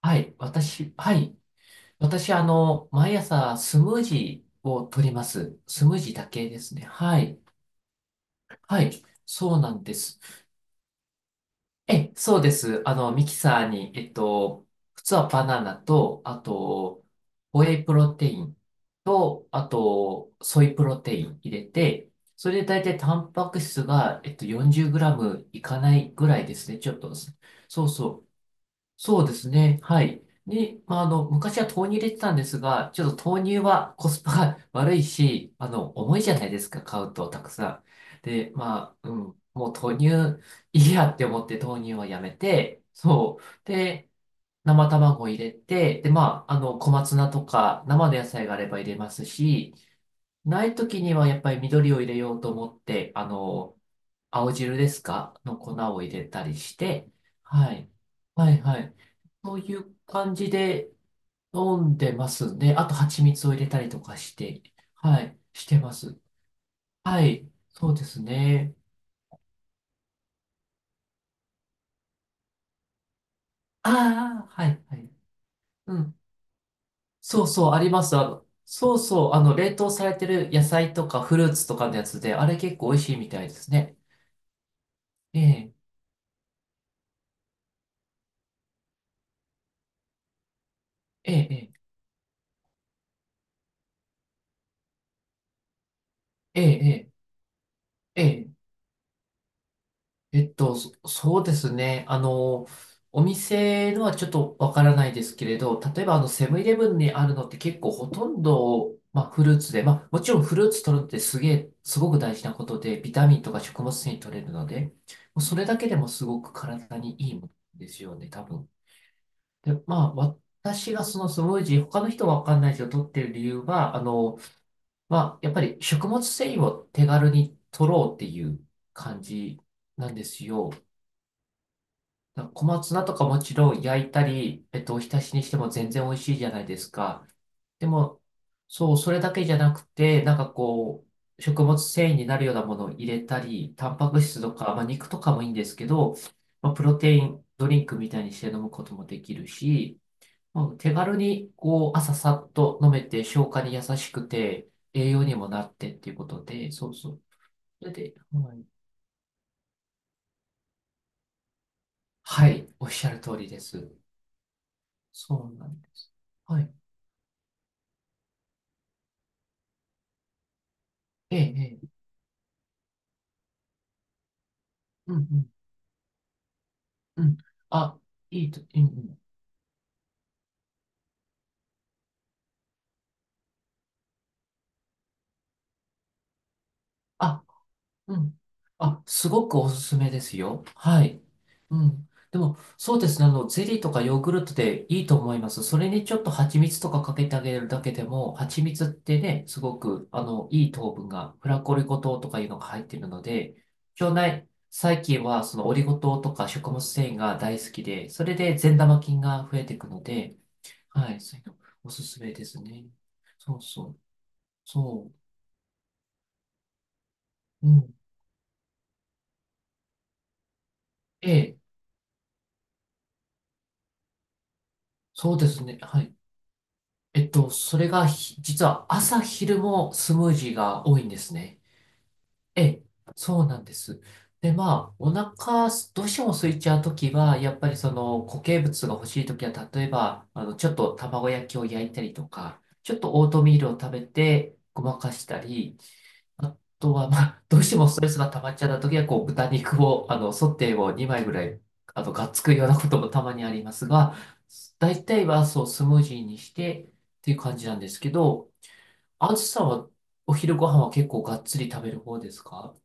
はい、私、はい。私、毎朝スムージーを取ります。スムージーだけですね。はい。はい。そうなんです。え、そうです。ミキサーに、普通はバナナと、あと、ホエイプロテインと、あと、ソイプロテイン入れて、それで大体タンパク質が、40グラムいかないぐらいですね。ちょっと、そうそう。そうですね。はい。で、まあ、昔は豆乳入れてたんですが、ちょっと豆乳はコスパが 悪いし、重いじゃないですか、買うとたくさん。で、まあ、うん、もう豆乳いいやって思って豆乳はやめて、そう。で、生卵を入れて、で、まあ、小松菜とか生の野菜があれば入れますし、ないときにはやっぱり緑を入れようと思って、青汁ですかの粉を入れたりして、はい。はいはい。そういう感じで飲んでますね。あと蜂蜜を入れたりとかして、はい、してます。はい、そうですね。ああ、はいはい。うん。そうそう、あります。そうそう、冷凍されてる野菜とかフルーツとかのやつで、あれ結構美味しいみたいですね。ええ、ええ、ええ、ええ、ええ。そうですね。お店のはちょっとわからないですけれど、例えばあのセブンイレブンにあるのって結構ほとんど、まあ、フルーツで、まあ、もちろんフルーツ取るのってすげえ、すごく大事なことで、ビタミンとか食物繊維取れるので、もうそれだけでもすごく体にいいものですよね、多分。で、まあ、私がそのスムージー、他の人はわかんないけど、取ってる理由は、まあ、やっぱり食物繊維を手軽に取ろうっていう感じなんですよ。なんか小松菜とかもちろん焼いたり、お浸しにしても全然美味しいじゃないですか。でも、そう、それだけじゃなくて、なんかこう、食物繊維になるようなものを入れたり、タンパク質とか、まあ、肉とかもいいんですけど、まあ、プロテインドリンクみたいにして飲むこともできるし、まあ、手軽にこう、朝さっと飲めて、消化に優しくて、栄養にもなってっていうことで、そうそう。それで、はい、はいおっしゃる通りです。そうなんです。はい。ええ、えうん、うん、うん。あ、いいと、うん、うん。あ、うん。あ、すごくおすすめですよ。はい。うん。でも、そうですね。ゼリーとかヨーグルトでいいと思います。それにちょっと蜂蜜とかかけてあげるだけでも、蜂蜜ってね、すごく、いい糖分が、フラコリゴ糖とかいうのが入っているので、腸内細菌は、そのオリゴ糖とか食物繊維が大好きで、それで善玉菌が増えていくので、はい、そういうのおすすめですね。そうそう。そう。うん。ええ、そうですね。はい。それがひ、実は朝昼もスムージーが多いんですね。ええ、そうなんです。で、まあ、お腹、どうしても空いちゃうときは、やっぱりその固形物が欲しいときは、例えば、ちょっと卵焼きを焼いたりとか、ちょっとオートミールを食べてごまかしたり、あとは、まあ、どうしてもストレスが溜まっちゃったときは、こう、豚肉を、ソテーを2枚ぐらい、がっつくようなこともたまにありますが、大体は、そう、スムージーにしてっていう感じなんですけど、あずさんはお昼ご飯は結構がっつり食べる方ですか？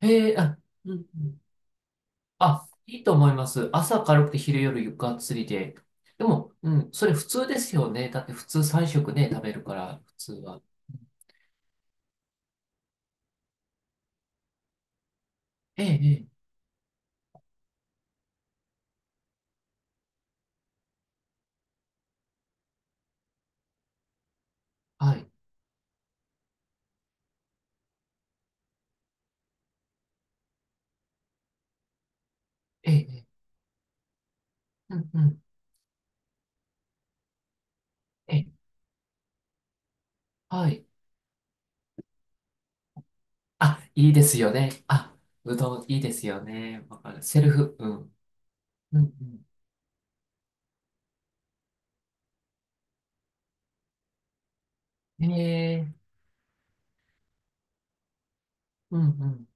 へえ、あ、うんうん。あ、いいと思います。朝軽くて昼夜ゆっつりで。でも、うん、それ普通ですよね。だって普通3食ね、食べるから、普通は。ええ、ええ、はい。ええ、ええうんうん、ええ、はい。あ、いいですよね。あ、うどんいいですよね。わかる。セルフ、うん。うんうん。ええ、うんうん、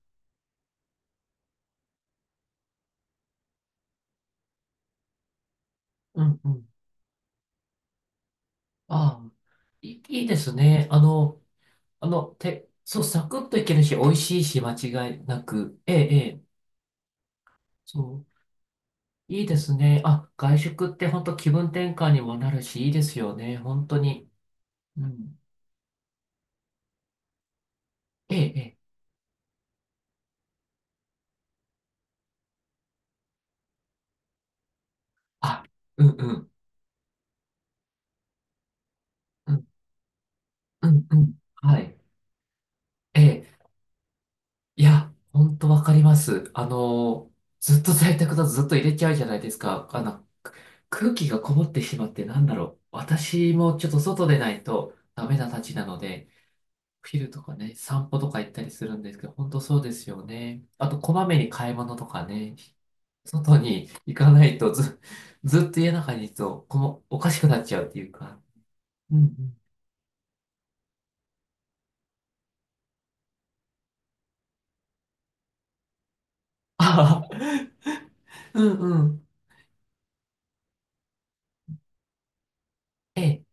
うんうん。ああ、いいですね。そう、サクッといけるし、美味しいし、間違いなく。ええ、ええ。そう。いいですね。あ、外食って本当気分転換にもなるし、いいですよね。本当に。うん。ええ、ええ。あ、うんうん。うん、うん、うん。はい。ええ。いや、本当わかります。ずっと在宅だとずっと入れちゃうじゃないですか。空気がこもってしまってなんだろう。私もちょっと外でないとダメなたちなので、お昼とかね、散歩とか行ったりするんですけど、本当そうですよね。あと、こまめに買い物とかね、外に行かないとず、ずっと家の中にいると、この、おかしくなっちゃうっていうか。うんうん。ああ、うんうん。ええ、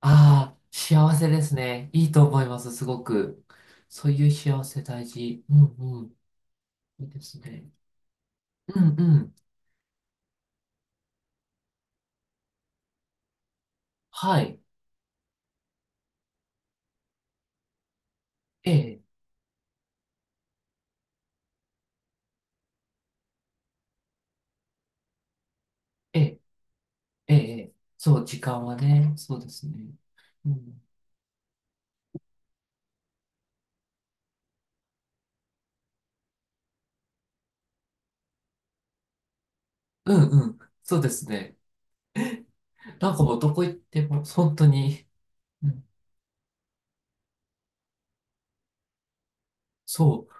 ああ、幸せですね。いいと思います、すごく。そういう幸せ大事。うんうん。いいですね。うんうん。はい。ええ、ええ、ええ、ええそう、時間はね、そうですね。うんうんうん。そうですね。なんかもうどこ行っても、本当に、うん、そう、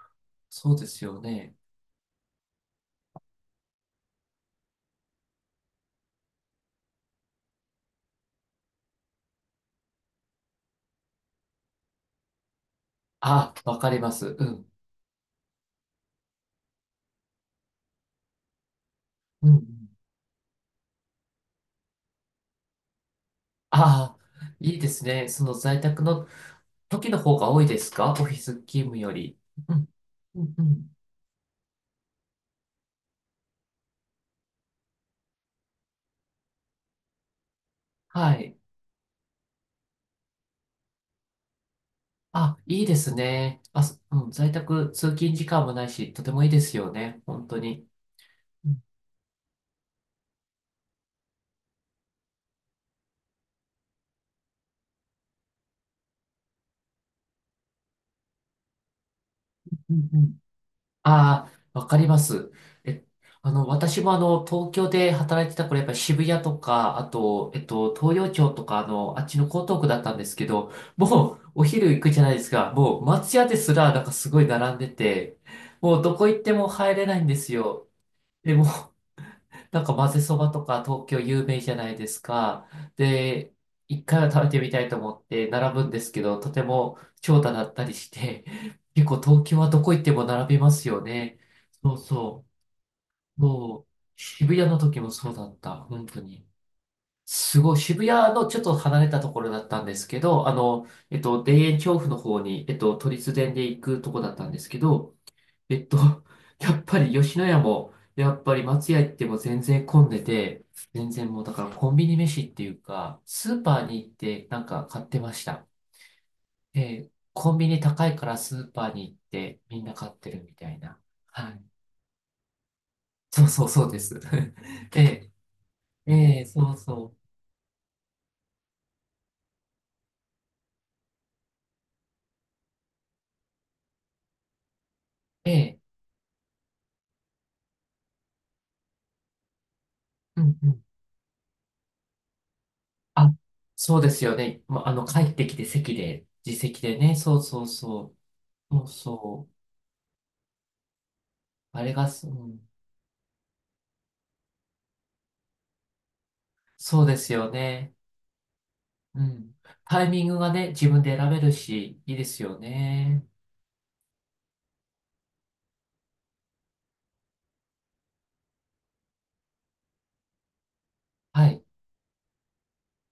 そうですよね。あ、わかります。うん。うんうん。ああ、いいですね。その在宅の時の方が多いですか？オフィス勤務より。うん。うんうん。はい。あ、いいですね。あ、そうん、在宅通勤時間もないし、とてもいいですよね。本当に。うんうんうんああ、わかります。え、私も東京で働いてた頃、やっぱり渋谷とか、あと、東洋町とか、あっちの江東区だったんですけど、もう、お昼行くじゃないですか、もう、松屋ですら、なんかすごい並んでて、もう、どこ行っても入れないんですよ。でも、なんか混ぜそばとか東京有名じゃないですか。で、一回は食べてみたいと思って並ぶんですけど、とても長蛇だったりして、結構東京はどこ行っても並びますよね。そうそう。もう、渋谷の時もそうだった。本当に。すごい、渋谷のちょっと離れたところだったんですけど、田園調布の方に、都立電で行くとこだったんですけど、えっと、やっぱり吉野家も、やっぱり松屋行っても全然混んでて、全然もうだからコンビニ飯っていうか、スーパーに行ってなんか買ってました。えコンビニ高いからスーパーに行ってみんな買ってるみたいな。はい。そうそうそうです。ええ、ええ、そうそう。ええ、うんうん。あ、そうですよね。まあ、帰ってきて席で、自席でね。そうそうそう。そうそう。あれがうんそうですよね。うん。タイミングがね、自分で選べるし、いいですよね。はい。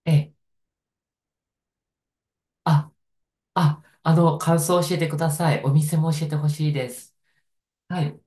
ええ。あ、感想を教えてください。お店も教えてほしいです。はい。